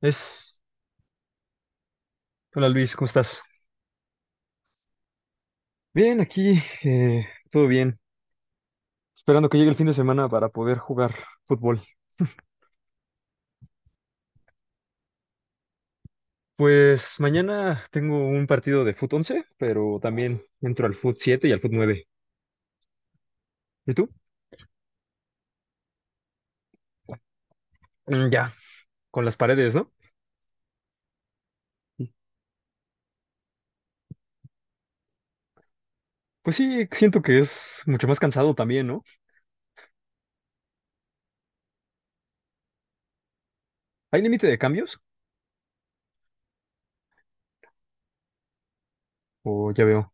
Es, Hola Luis, ¿cómo estás? Bien, aquí, todo bien. Esperando que llegue el fin de semana para poder jugar fútbol. Pues mañana tengo un partido de fut 11, pero también entro al fut 7 y al fut 9. ¿Y tú? Mm, ya, con las paredes, ¿no? Pues sí, siento que es mucho más cansado también, ¿no? ¿Hay límite de cambios? O ya veo.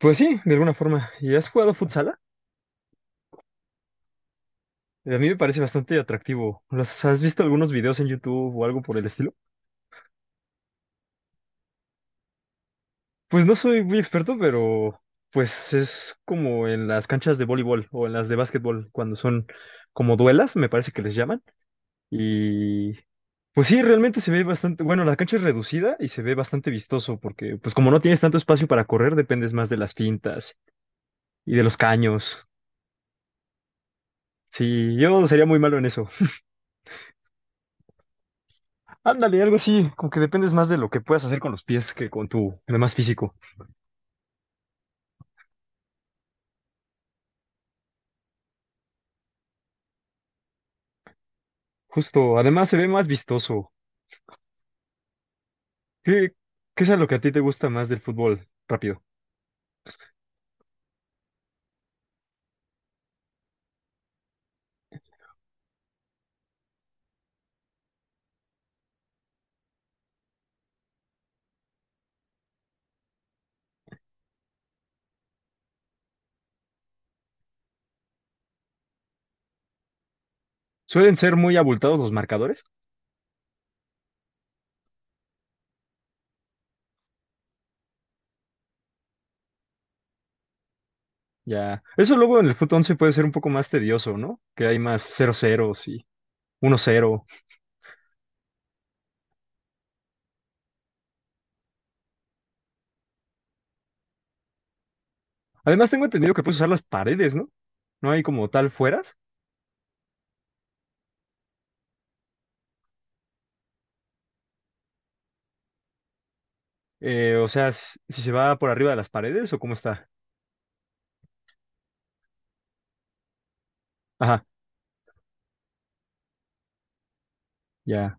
Pues sí, de alguna forma. ¿Y has jugado futsala? A mí me parece bastante atractivo. ¿Has visto algunos videos en YouTube o algo por el estilo? Pues no soy muy experto, pero pues es como en las canchas de voleibol o en las de básquetbol, cuando son como duelas, me parece que les llaman. Y pues sí, realmente se ve bastante, bueno, la cancha es reducida y se ve bastante vistoso, porque pues como no tienes tanto espacio para correr, dependes más de las pintas y de los caños. Sí, yo sería muy malo en eso. Ándale, algo así, como que dependes más de lo que puedas hacer con los pies que con tu, además físico. Justo, además se ve más vistoso. ¿Qué, qué es a lo que a ti te gusta más del fútbol? Rápido. Suelen ser muy abultados los marcadores. Ya. Eso luego en el fut 11 puede ser un poco más tedioso, ¿no? Que hay más cero 0 y uno cero. Además, tengo entendido que puedes usar las paredes, ¿no? No hay como tal fueras. Si se va por arriba de las paredes o cómo está. Ajá, ya,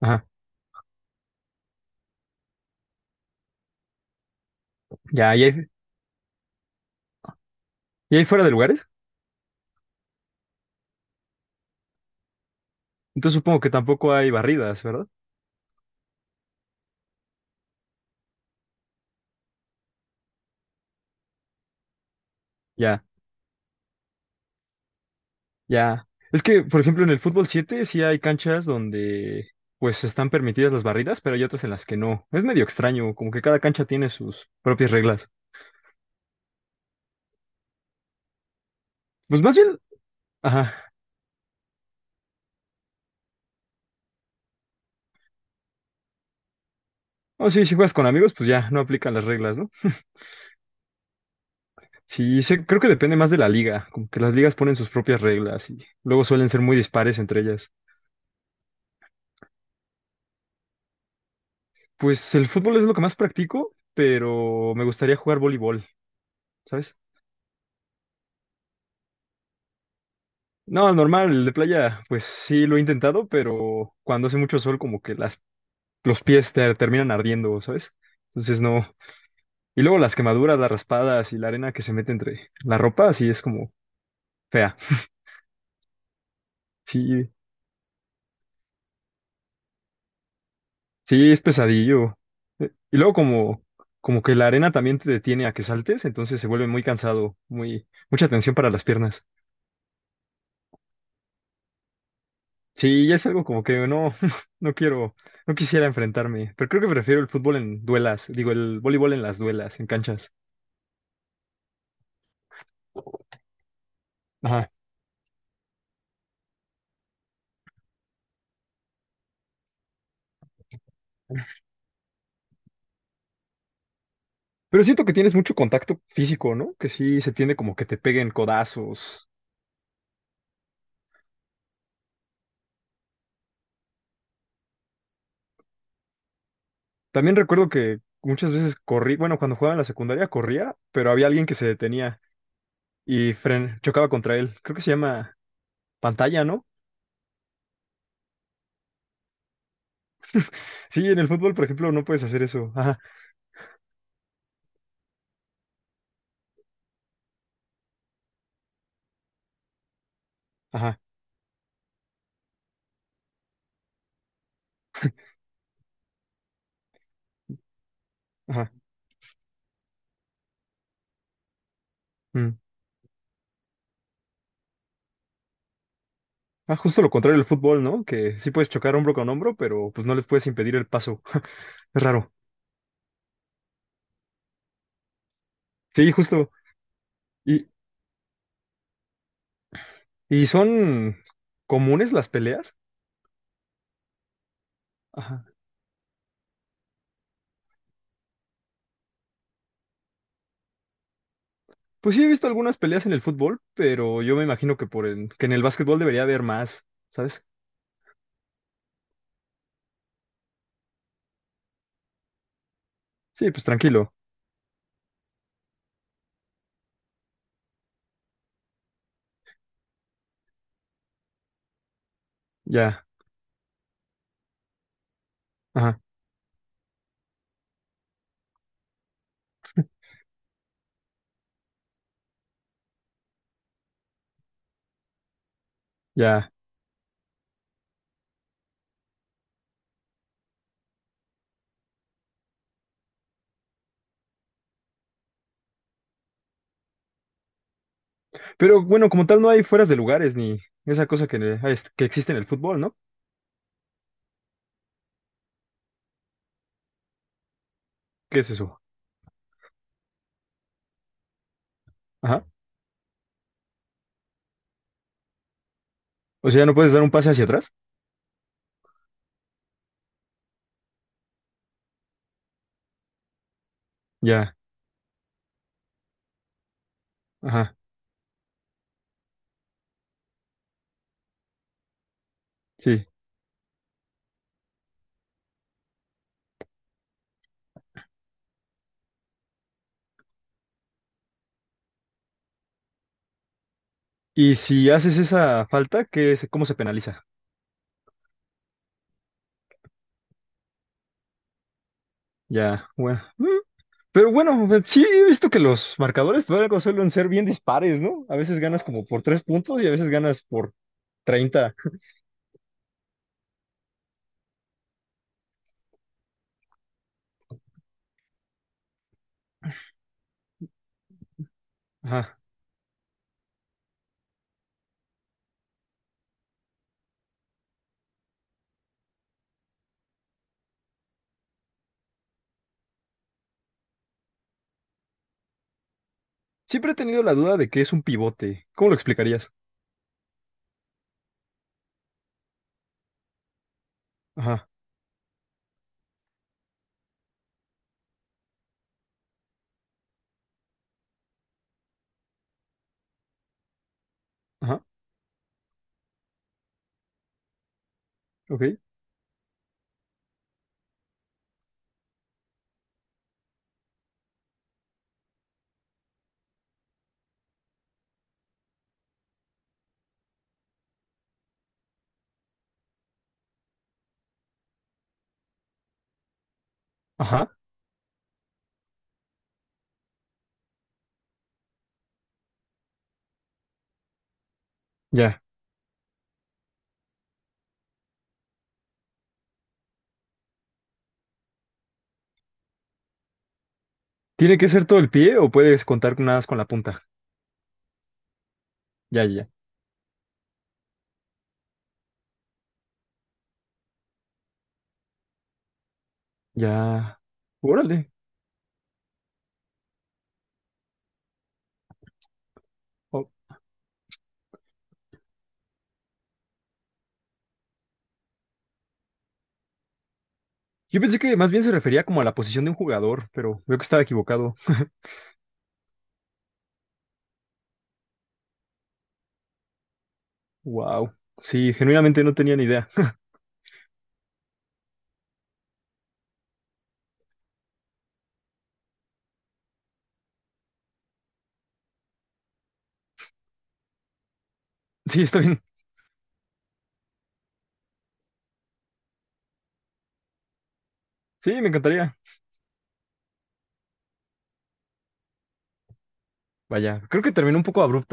ajá, ya. Y hay fuera de lugares? Entonces supongo que tampoco hay barridas, ¿verdad? Ya. Es que, por ejemplo, en el fútbol 7 sí hay canchas donde pues están permitidas las barridas, pero hay otras en las que no. Es medio extraño, como que cada cancha tiene sus propias reglas. Pues más bien, ajá. Oh, sí, si juegas con amigos, pues ya, no aplican las reglas, ¿no? Sí, creo que depende más de la liga, como que las ligas ponen sus propias reglas y luego suelen ser muy dispares entre ellas. Pues el fútbol es lo que más practico, pero me gustaría jugar voleibol, ¿sabes? No, normal, el de playa, pues sí lo he intentado, pero cuando hace mucho sol, como que las los pies te terminan ardiendo, ¿sabes? Entonces no. Y luego las quemaduras, las raspadas y la arena que se mete entre la ropa, sí es como fea. Sí, sí es pesadillo. Y luego como, como que la arena también te detiene a que saltes, entonces se vuelve muy cansado, muy, mucha tensión para las piernas. Sí, ya es algo como que no, no quiero, no quisiera enfrentarme, pero creo que prefiero el fútbol en duelas, digo, el voleibol en las duelas, en canchas. Ajá. Pero siento que tienes mucho contacto físico, ¿no? Que sí se tiende como que te peguen codazos. También recuerdo que muchas veces corrí, bueno, cuando jugaba en la secundaria corría, pero había alguien que se detenía y fren chocaba contra él. Creo que se llama pantalla, ¿no? Sí, en el fútbol, por ejemplo, no puedes hacer eso. Ajá, ajá, ajá. Mm. Ah, justo lo contrario del fútbol, ¿no? Que sí puedes chocar hombro con hombro, pero pues no les puedes impedir el paso. Es raro. Sí, justo. ¿Y, y son comunes las peleas? Ajá. Pues sí, he visto algunas peleas en el fútbol, pero yo me imagino que que en el básquetbol debería haber más, ¿sabes? Sí, pues tranquilo, ya, ajá, ya. Pero bueno, como tal no hay fueras de lugares ni esa cosa que, que existe en el fútbol, ¿no? ¿Qué es eso? Ajá. O sea, ¿no puedes dar un pase hacia atrás? Ya, ajá, sí. Y si haces esa falta, ¿qué es, cómo se penaliza? Ya, bueno. Mm. Pero bueno, o sea, sí he visto que los marcadores luego suelen ser bien dispares, ¿no? A veces ganas como por tres puntos y a veces ganas por 30. Siempre he tenido la duda de qué es un pivote. ¿Cómo lo explicarías? Ajá, ajá, ok, ajá, ya. ¿Tiene que ser todo el pie o puedes contar nada más con la punta? Ya, ya, ya. Órale. Oh, yo pensé que más bien se refería como a la posición de un jugador, pero veo que estaba equivocado. Wow. Sí, genuinamente no tenía ni idea. Sí, está bien. Sí, me encantaría. Vaya, creo que terminó un poco abrupto.